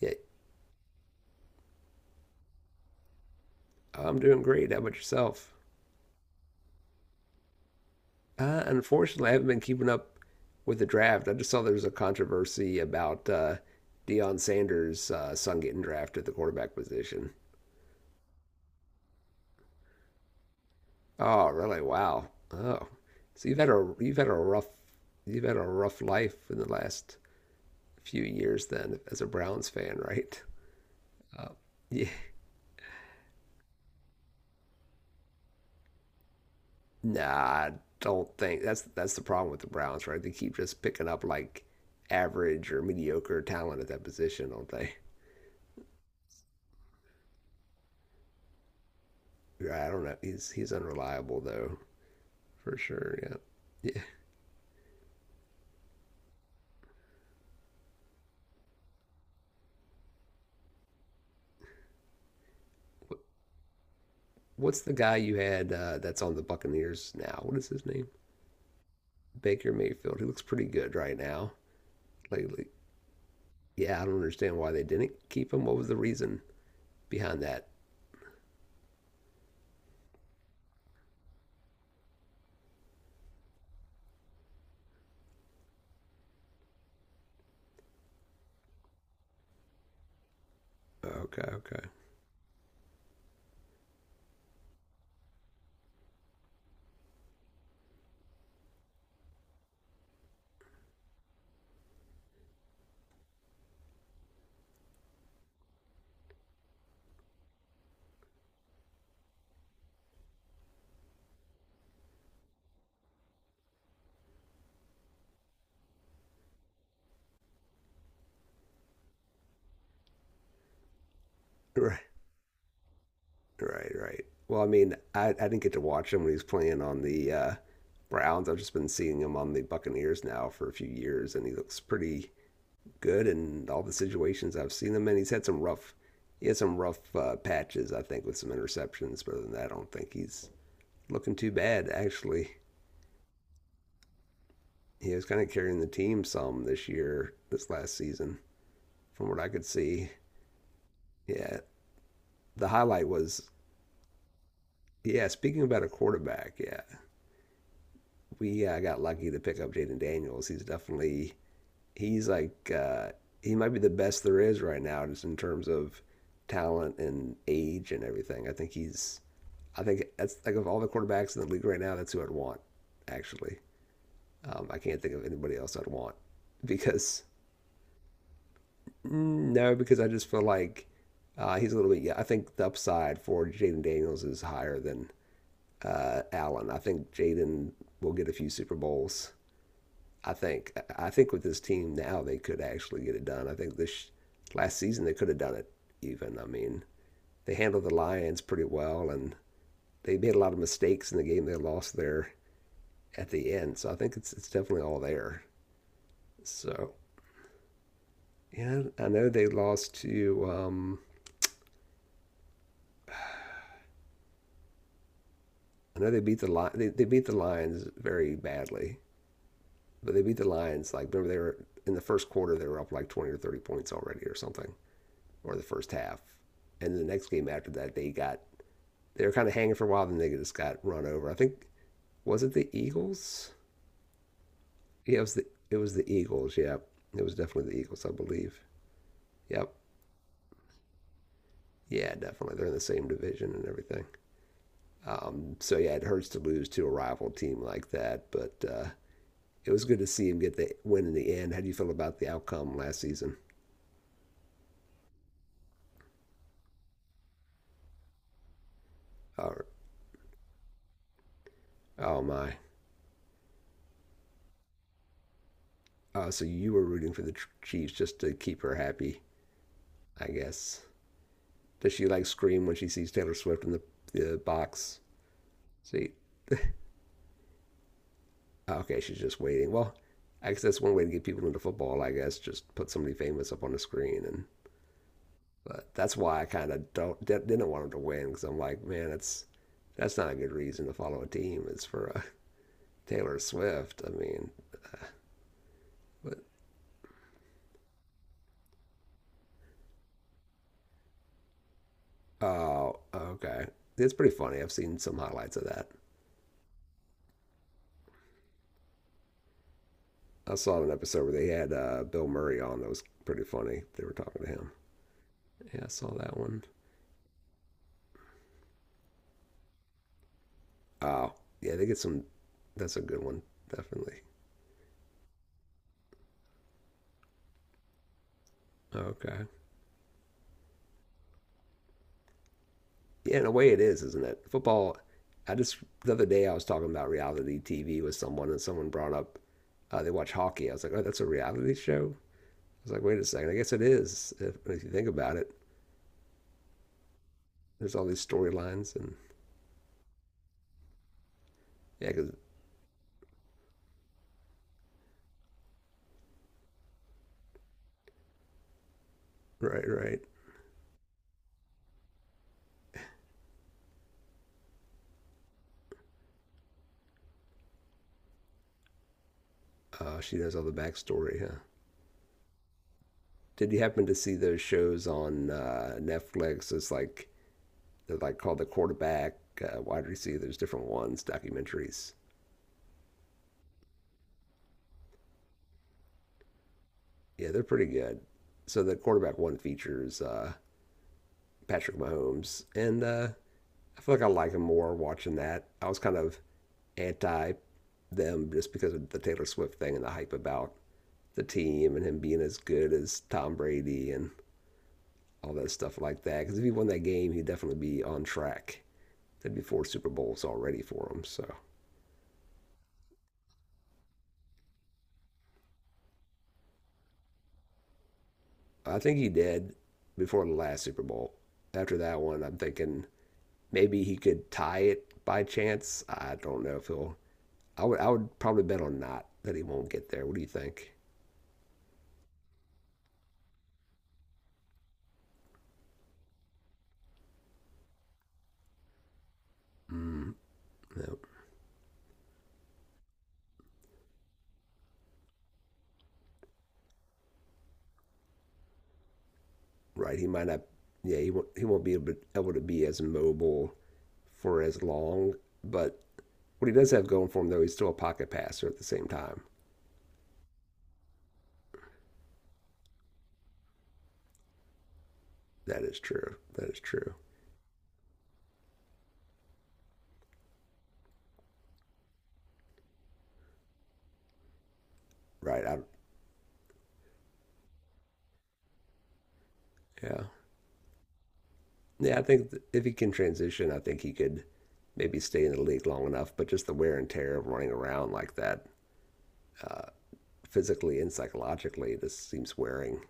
Yeah, I'm doing great. How about yourself? Unfortunately, I haven't been keeping up with the draft. I just saw there was a controversy about Deion Sanders' son getting drafted at the quarterback position. Oh, really? Wow. Oh, so you've had a rough life in the last few years then as a Browns fan, right? Yeah. Nah, I don't think that's the problem with the Browns, right? They keep just picking up like average or mediocre talent at that position, don't they? I don't know. He's unreliable though, for sure. Yeah. Yeah. What's the guy you had that's on the Buccaneers now? What is his name? Baker Mayfield. He looks pretty good right now lately. Yeah, I don't understand why they didn't keep him. What was the reason behind that? Okay, okay. Right, right, right. Well, I mean, I didn't get to watch him when he was playing on the Browns. I've just been seeing him on the Buccaneers now for a few years, and he looks pretty good in all the situations I've seen him in. He had some rough patches, I think, with some interceptions. But other than that, I don't think he's looking too bad. Actually, he was kind of carrying the team some this year, this last season, from what I could see. Yeah, the highlight was. Yeah, speaking about a quarterback, yeah, we got lucky to pick up Jaden Daniels. He's definitely he's like uh, he might be the best there is right now, just in terms of talent and age and everything. I think that's like of all the quarterbacks in the league right now, that's who I'd want. Actually, I can't think of anybody else I'd want because mm, no, because I just feel like he's a little bit. Yeah, I think the upside for Jaden Daniels is higher than Allen. I think Jaden will get a few Super Bowls. I think with this team now they could actually get it done. I think this last season they could have done it even. I mean, they handled the Lions pretty well and they made a lot of mistakes in the game they lost there at the end. So I think it's definitely all there. So yeah, I know they lost to I know they beat the they beat the Lions very badly, but they beat the Lions like, remember, they were in the first quarter they were up like 20 or 30 points already or something, or the first half. And the next game after that they were kind of hanging for a while. Then they just got run over. I think was it the Eagles? Yeah, it was the Eagles. Yeah, it was definitely the Eagles, I believe. Yep. Yeah, definitely. They're in the same division and everything. So yeah, it hurts to lose to a rival team like that, but it was good to see him get the win in the end. How do you feel about the outcome last season? Oh, oh my. Oh, so you were rooting for the Chiefs just to keep her happy, I guess. Does she like scream when she sees Taylor Swift in the box seat? Okay, she's just waiting. Well, I guess that's one way to get people into football. I guess just put somebody famous up on the screen, and but that's why I kind of don't didn't want him to win because I'm like, man, that's not a good reason to follow a team. It's for Taylor Swift. I mean, but oh, okay, it's pretty funny. I've seen some highlights of that. I saw an episode where they had Bill Murray on. That was pretty funny. They were talking to him. Yeah, I saw that one. Oh, yeah, they get some. That's a good one, definitely. Okay. Yeah, in a way, it is, isn't it? Football. I just the other day I was talking about reality TV with someone, and someone brought up they watch hockey. I was like, oh, that's a reality show. I was like, wait a second, I guess it is. If you think about it, there's all these storylines, and yeah, because right, right. She knows all the backstory, huh? Did you happen to see those shows on Netflix? It's like they're like called the quarterback, wide Receiver, there's different ones, documentaries. Yeah, they're pretty good. So the quarterback one features Patrick Mahomes, and I feel like I like him more watching that. I was kind of anti them just because of the Taylor Swift thing and the hype about the team and him being as good as Tom Brady and all that stuff like that. Because if he won that game, he'd definitely be on track. There'd be four Super Bowls already for him. So I think he did before the last Super Bowl. After that one, I'm thinking maybe he could tie it by chance. I don't know if he'll. I would probably bet on not that he won't get there. What do you think? Yep. Right? He might not. Yeah, he won't. He won't be able to be as mobile for as long. But what he does have going for him, though, he's still a pocket passer at the same time. That is true. That is true. Right. Yeah. Yeah. I think if he can transition, I think he could maybe stay in the league long enough. But just the wear and tear of running around like that, physically and psychologically, this seems wearing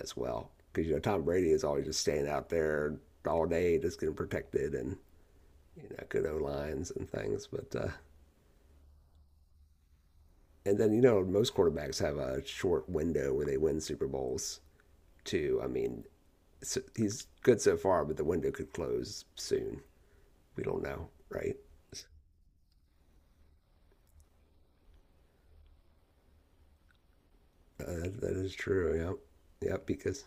as well. Because you know Tom Brady is always just staying out there all day, just getting protected and you know, good O lines and things. But and then you know most quarterbacks have a short window where they win Super Bowls too. I mean, so he's good so far, but the window could close soon. We don't know, right? That is true. Yep. Yep. Because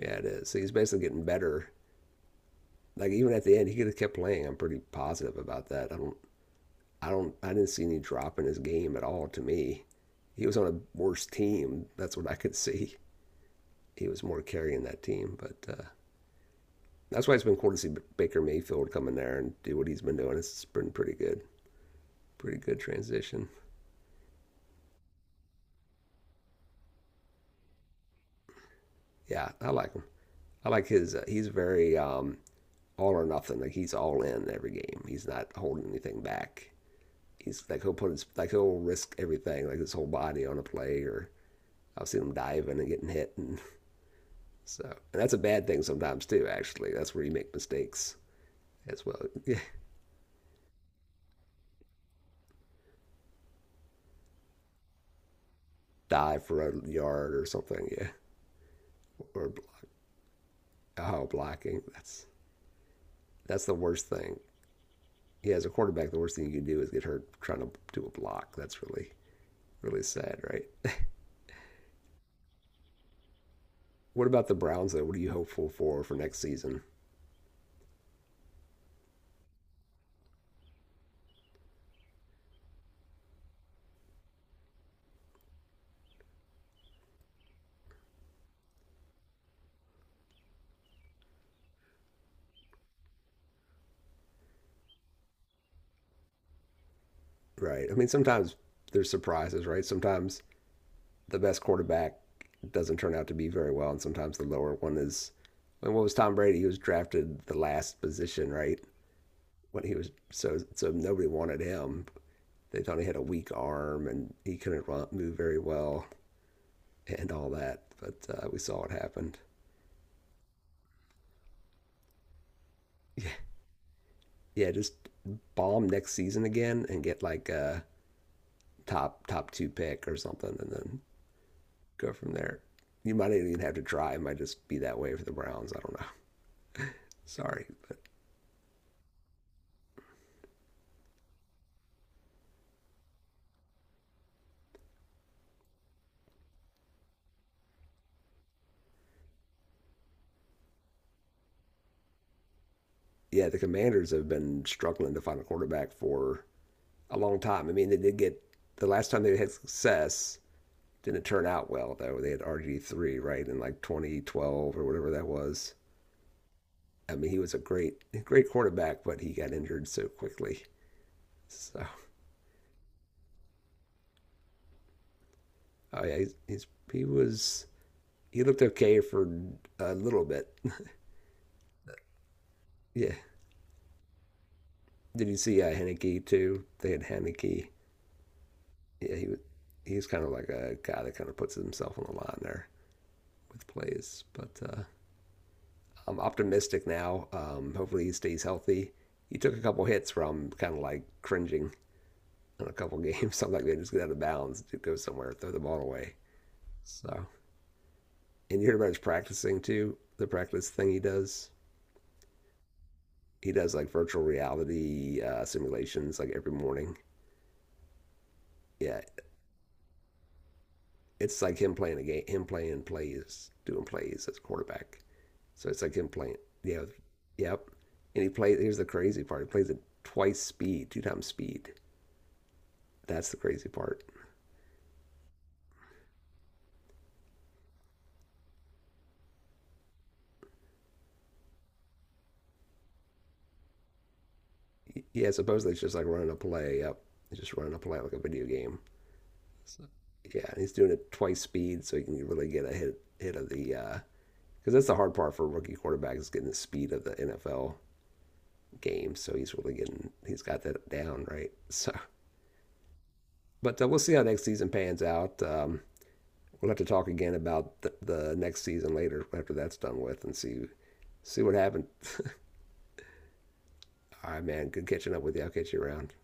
yeah, it is. So he's basically getting better. Like even at the end, he could have kept playing. I'm pretty positive about that. I don't. I didn't see any drop in his game at all. To me, he was on a worse team. That's what I could see. He was more carrying that team, but that's why it's been cool to see Baker Mayfield come in there and do what he's been doing. It's been pretty good, pretty good transition. Yeah, I like him. I like his. He's very all or nothing. Like he's all in every game. He's not holding anything back. He'll put his like he'll risk everything, like his whole body on a play. Or I've seen him diving and getting hit, and so and that's a bad thing sometimes too. Actually, that's where you make mistakes as well. Yeah, dive for a yard or something. Yeah, or block, oh blocking. That's the worst thing. Yeah, as a quarterback, the worst thing you can do is get hurt trying to do a block. That's really, really sad, right? What about the Browns, though? What are you hopeful for next season, right? I mean, sometimes there's surprises, right? Sometimes the best quarterback doesn't turn out to be very well, and sometimes the lower one is. And what was Tom Brady? He was drafted the last position, right? When he was so nobody wanted him. They thought he had a weak arm and he couldn't move very well and all that. But we saw what happened. Yeah, just bomb next season again and get like a top two pick or something, and then go from there. You might not even have to try. It might just be that way for the Browns. I don't know. Sorry, but yeah, the Commanders have been struggling to find a quarterback for a long time. I mean, they did get the last time they had success didn't turn out well though. They had RG three right in like 2012 or whatever that was. I mean, he was a great great quarterback, but he got injured so quickly. So oh yeah, he was. He looked okay for a little bit. Yeah. Did you see Henneke too? They had Henneke. Yeah, he was. He's kind of like a guy that kind of puts himself on the line there with plays. But I'm optimistic now. Hopefully he stays healthy. He took a couple hits where I'm kind of like cringing in a couple games. So I'm like, man, just get out of bounds, dude, go somewhere, throw the ball away. So, and you heard about his practicing too. The practice thing he does. He does like virtual reality simulations like every morning. Yeah, it's like him playing a game, him playing plays, doing plays as a quarterback. So it's like him playing. Yeah, yep. And he plays. Here's the crazy part. He plays at twice speed, two times speed. That's the crazy part. Yeah, supposedly it's just like running a play. Yep, it's just running a play like a video game. Yeah, and he's doing it twice speed, so he can really get a hit of the. Because that's the hard part for rookie quarterbacks is getting the speed of the NFL game. So he's really getting he's got that down right. So, but we'll see how next season pans out. We'll have to talk again about the next season later after that's done with and see what happened. All right, man. Good catching up with you. I'll catch you around.